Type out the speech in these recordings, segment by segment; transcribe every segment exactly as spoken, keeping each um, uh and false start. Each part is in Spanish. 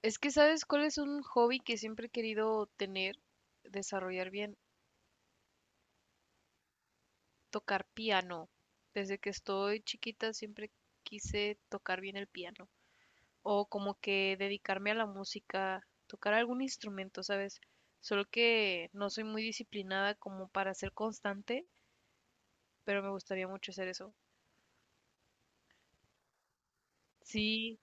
Es que, ¿sabes cuál es un hobby que siempre he querido tener, desarrollar bien? Tocar piano. Desde que estoy chiquita siempre quise tocar bien el piano. O como que dedicarme a la música, tocar algún instrumento, ¿sabes? Solo que no soy muy disciplinada como para ser constante, pero me gustaría mucho hacer eso. Sí,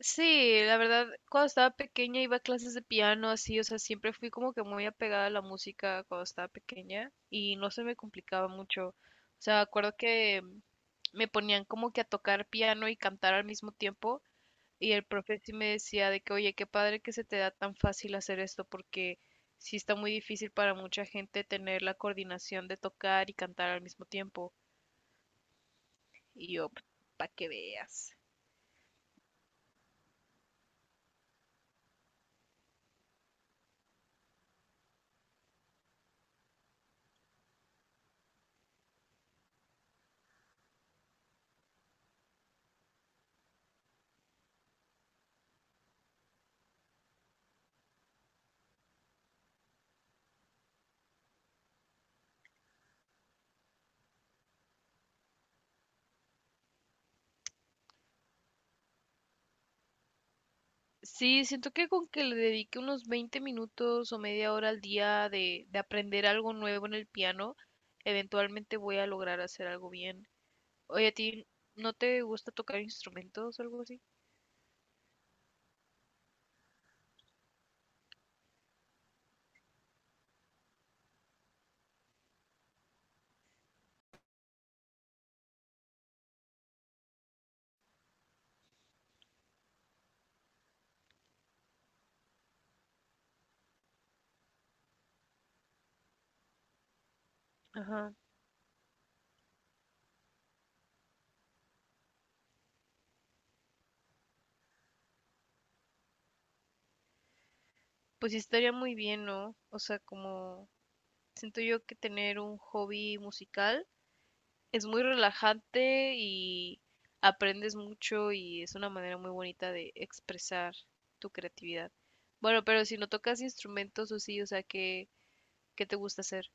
sí, la verdad, cuando estaba pequeña iba a clases de piano, así, o sea, siempre fui como que muy apegada a la música cuando estaba pequeña y no se me complicaba mucho. O sea, me acuerdo que me ponían como que a tocar piano y cantar al mismo tiempo y el profe sí me decía de que, oye, qué padre que se te da tan fácil hacer esto porque sí está muy difícil para mucha gente tener la coordinación de tocar y cantar al mismo tiempo. Y yo, para que veas. Sí, siento que con que le dedique unos veinte minutos o media hora al día de, de aprender algo nuevo en el piano, eventualmente voy a lograr hacer algo bien. Oye, ¿a ti no te gusta tocar instrumentos o algo así? Ajá. Pues sí estaría muy bien, ¿no? O sea, como siento yo que tener un hobby musical es muy relajante y aprendes mucho y es una manera muy bonita de expresar tu creatividad. Bueno, pero si no tocas instrumentos o sí, o sea, que ¿qué te gusta hacer?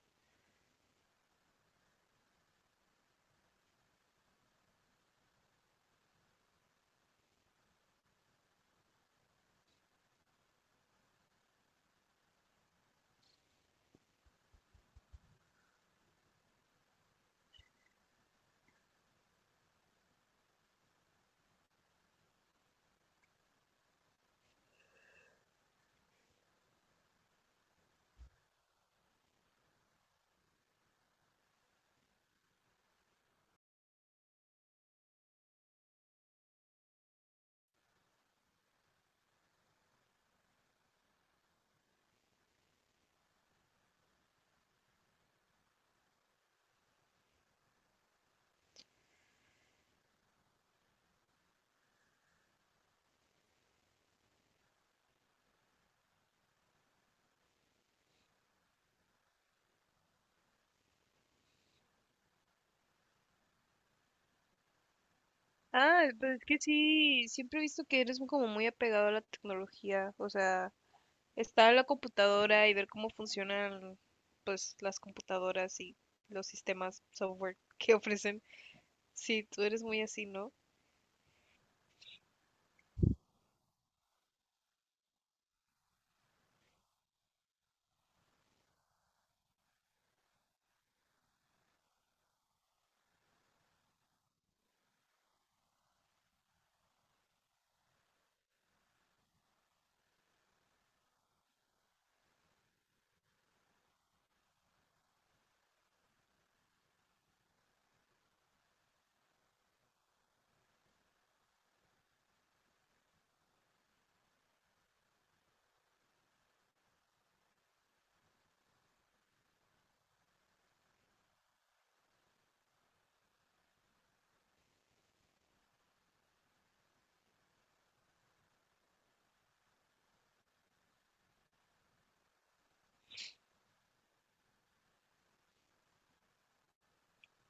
Ah, pero es que sí, siempre he visto que eres como muy apegado a la tecnología, o sea, estar en la computadora y ver cómo funcionan, pues, las computadoras y los sistemas software que ofrecen. Sí, tú eres muy así, ¿no?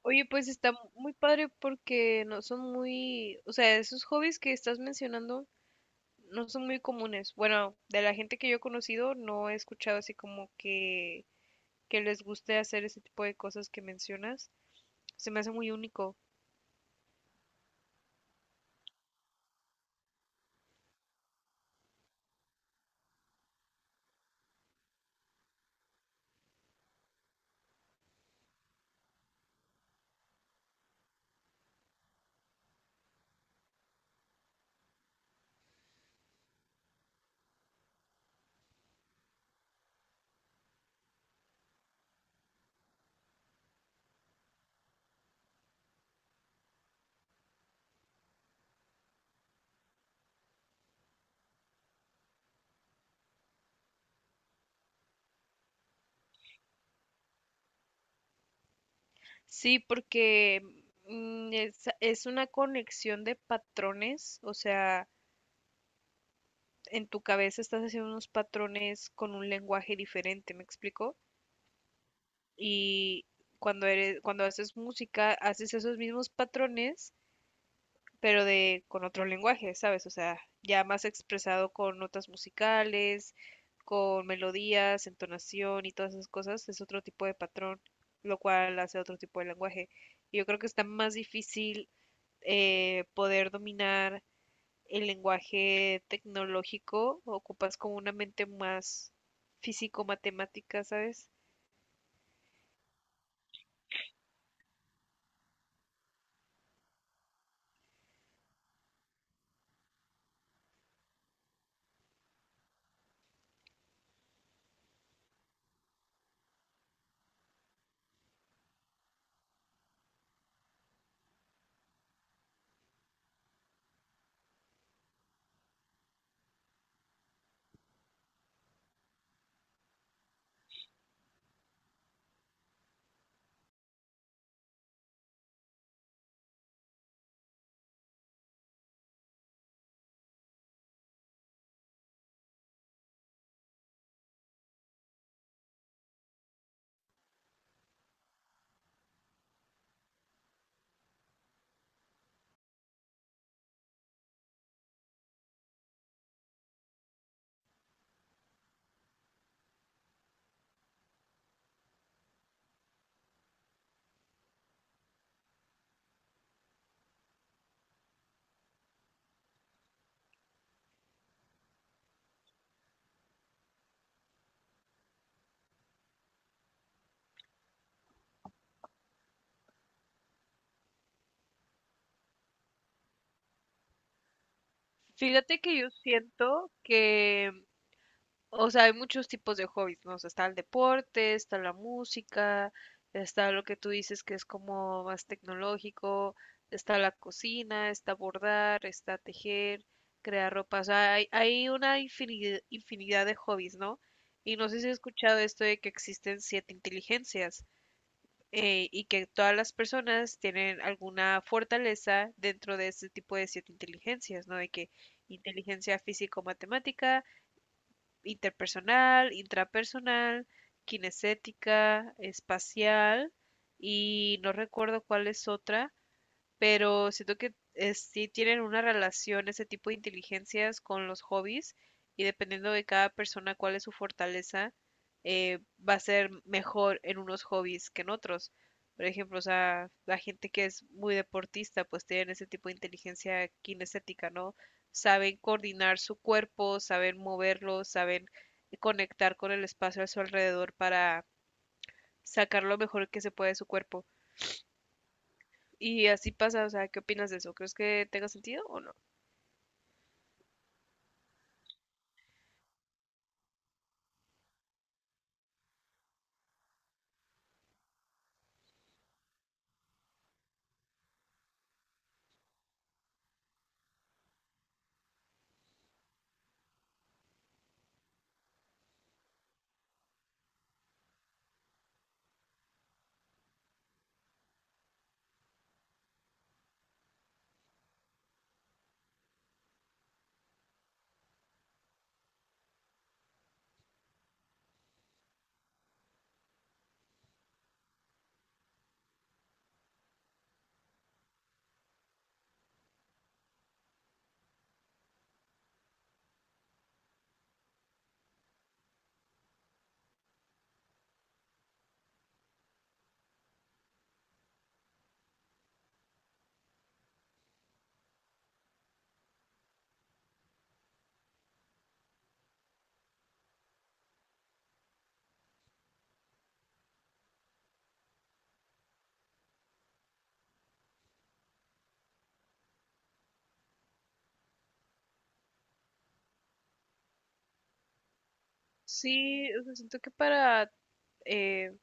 Oye, pues está mu- muy padre porque no son muy, o sea, esos hobbies que estás mencionando no son muy comunes. Bueno, de la gente que yo he conocido no he escuchado así como que que les guste hacer ese tipo de cosas que mencionas. Se me hace muy único. Sí, porque mm, es, es una conexión de patrones, o sea, en tu cabeza estás haciendo unos patrones con un lenguaje diferente, ¿me explico? Y cuando eres, cuando haces música, haces esos mismos patrones pero de con otro lenguaje, ¿sabes? O sea, ya más expresado con notas musicales, con melodías, entonación y todas esas cosas, es otro tipo de patrón, lo cual hace otro tipo de lenguaje. Y yo creo que está más difícil eh, poder dominar el lenguaje tecnológico, ocupas como una mente más físico-matemática, ¿sabes? Fíjate que yo siento que o sea, hay muchos tipos de hobbies, ¿no? O sea, está el deporte, está la música, está lo que tú dices que es como más tecnológico, está la cocina, está bordar, está tejer, crear ropa. O sea, hay, hay una infinidad, infinidad de hobbies, ¿no? Y no sé si has escuchado esto de que existen siete inteligencias eh, y que todas las personas tienen alguna fortaleza dentro de este tipo de siete inteligencias, ¿no? De que inteligencia físico-matemática, interpersonal, intrapersonal, kinestética, espacial y no recuerdo cuál es otra, pero siento que eh, sí tienen una relación ese tipo de inteligencias con los hobbies y dependiendo de cada persona cuál es su fortaleza, eh, va a ser mejor en unos hobbies que en otros. Por ejemplo, o sea, la gente que es muy deportista, pues tienen ese tipo de inteligencia kinestética, ¿no? Saben coordinar su cuerpo, saben moverlo, saben conectar con el espacio a su alrededor para sacar lo mejor que se puede de su cuerpo. Y así pasa, o sea, ¿qué opinas de eso? ¿Crees que tenga sentido o no? Sí, o sea, siento que para eh,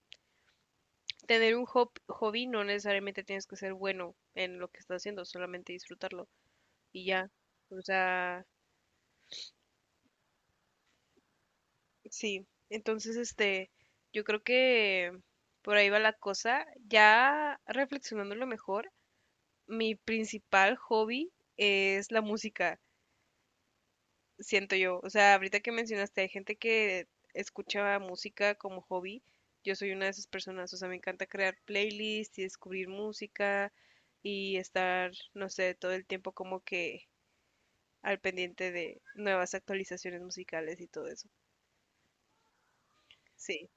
tener un hob- hobby no necesariamente tienes que ser bueno en lo que estás haciendo, solamente disfrutarlo y ya. O sea, sí. Entonces, este, yo creo que por ahí va la cosa. Ya reflexionándolo mejor, mi principal hobby es la música. Siento yo. O sea, ahorita que mencionaste, hay gente que escucha música como hobby. Yo soy una de esas personas. O sea, me encanta crear playlists y descubrir música y estar, no sé, todo el tiempo como que al pendiente de nuevas actualizaciones musicales y todo eso. Sí,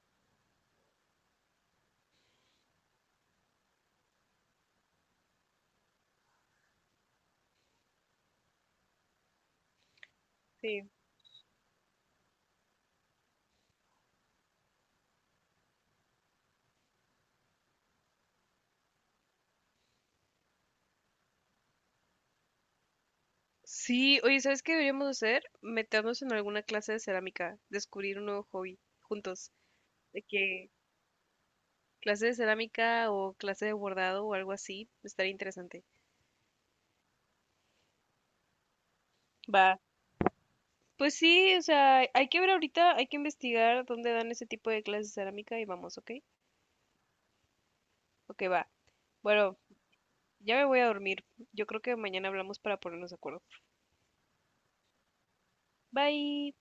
sí. Sí, oye, ¿sabes qué deberíamos hacer? Meternos en alguna clase de cerámica, descubrir un nuevo hobby juntos, de que clase de cerámica o clase de bordado o algo así, estaría interesante. Va, pues sí, o sea, hay que ver ahorita, hay que investigar dónde dan ese tipo de clases de cerámica y vamos, ¿ok? Ok, va. Bueno, ya me voy a dormir. Yo creo que mañana hablamos para ponernos de acuerdo. Bye.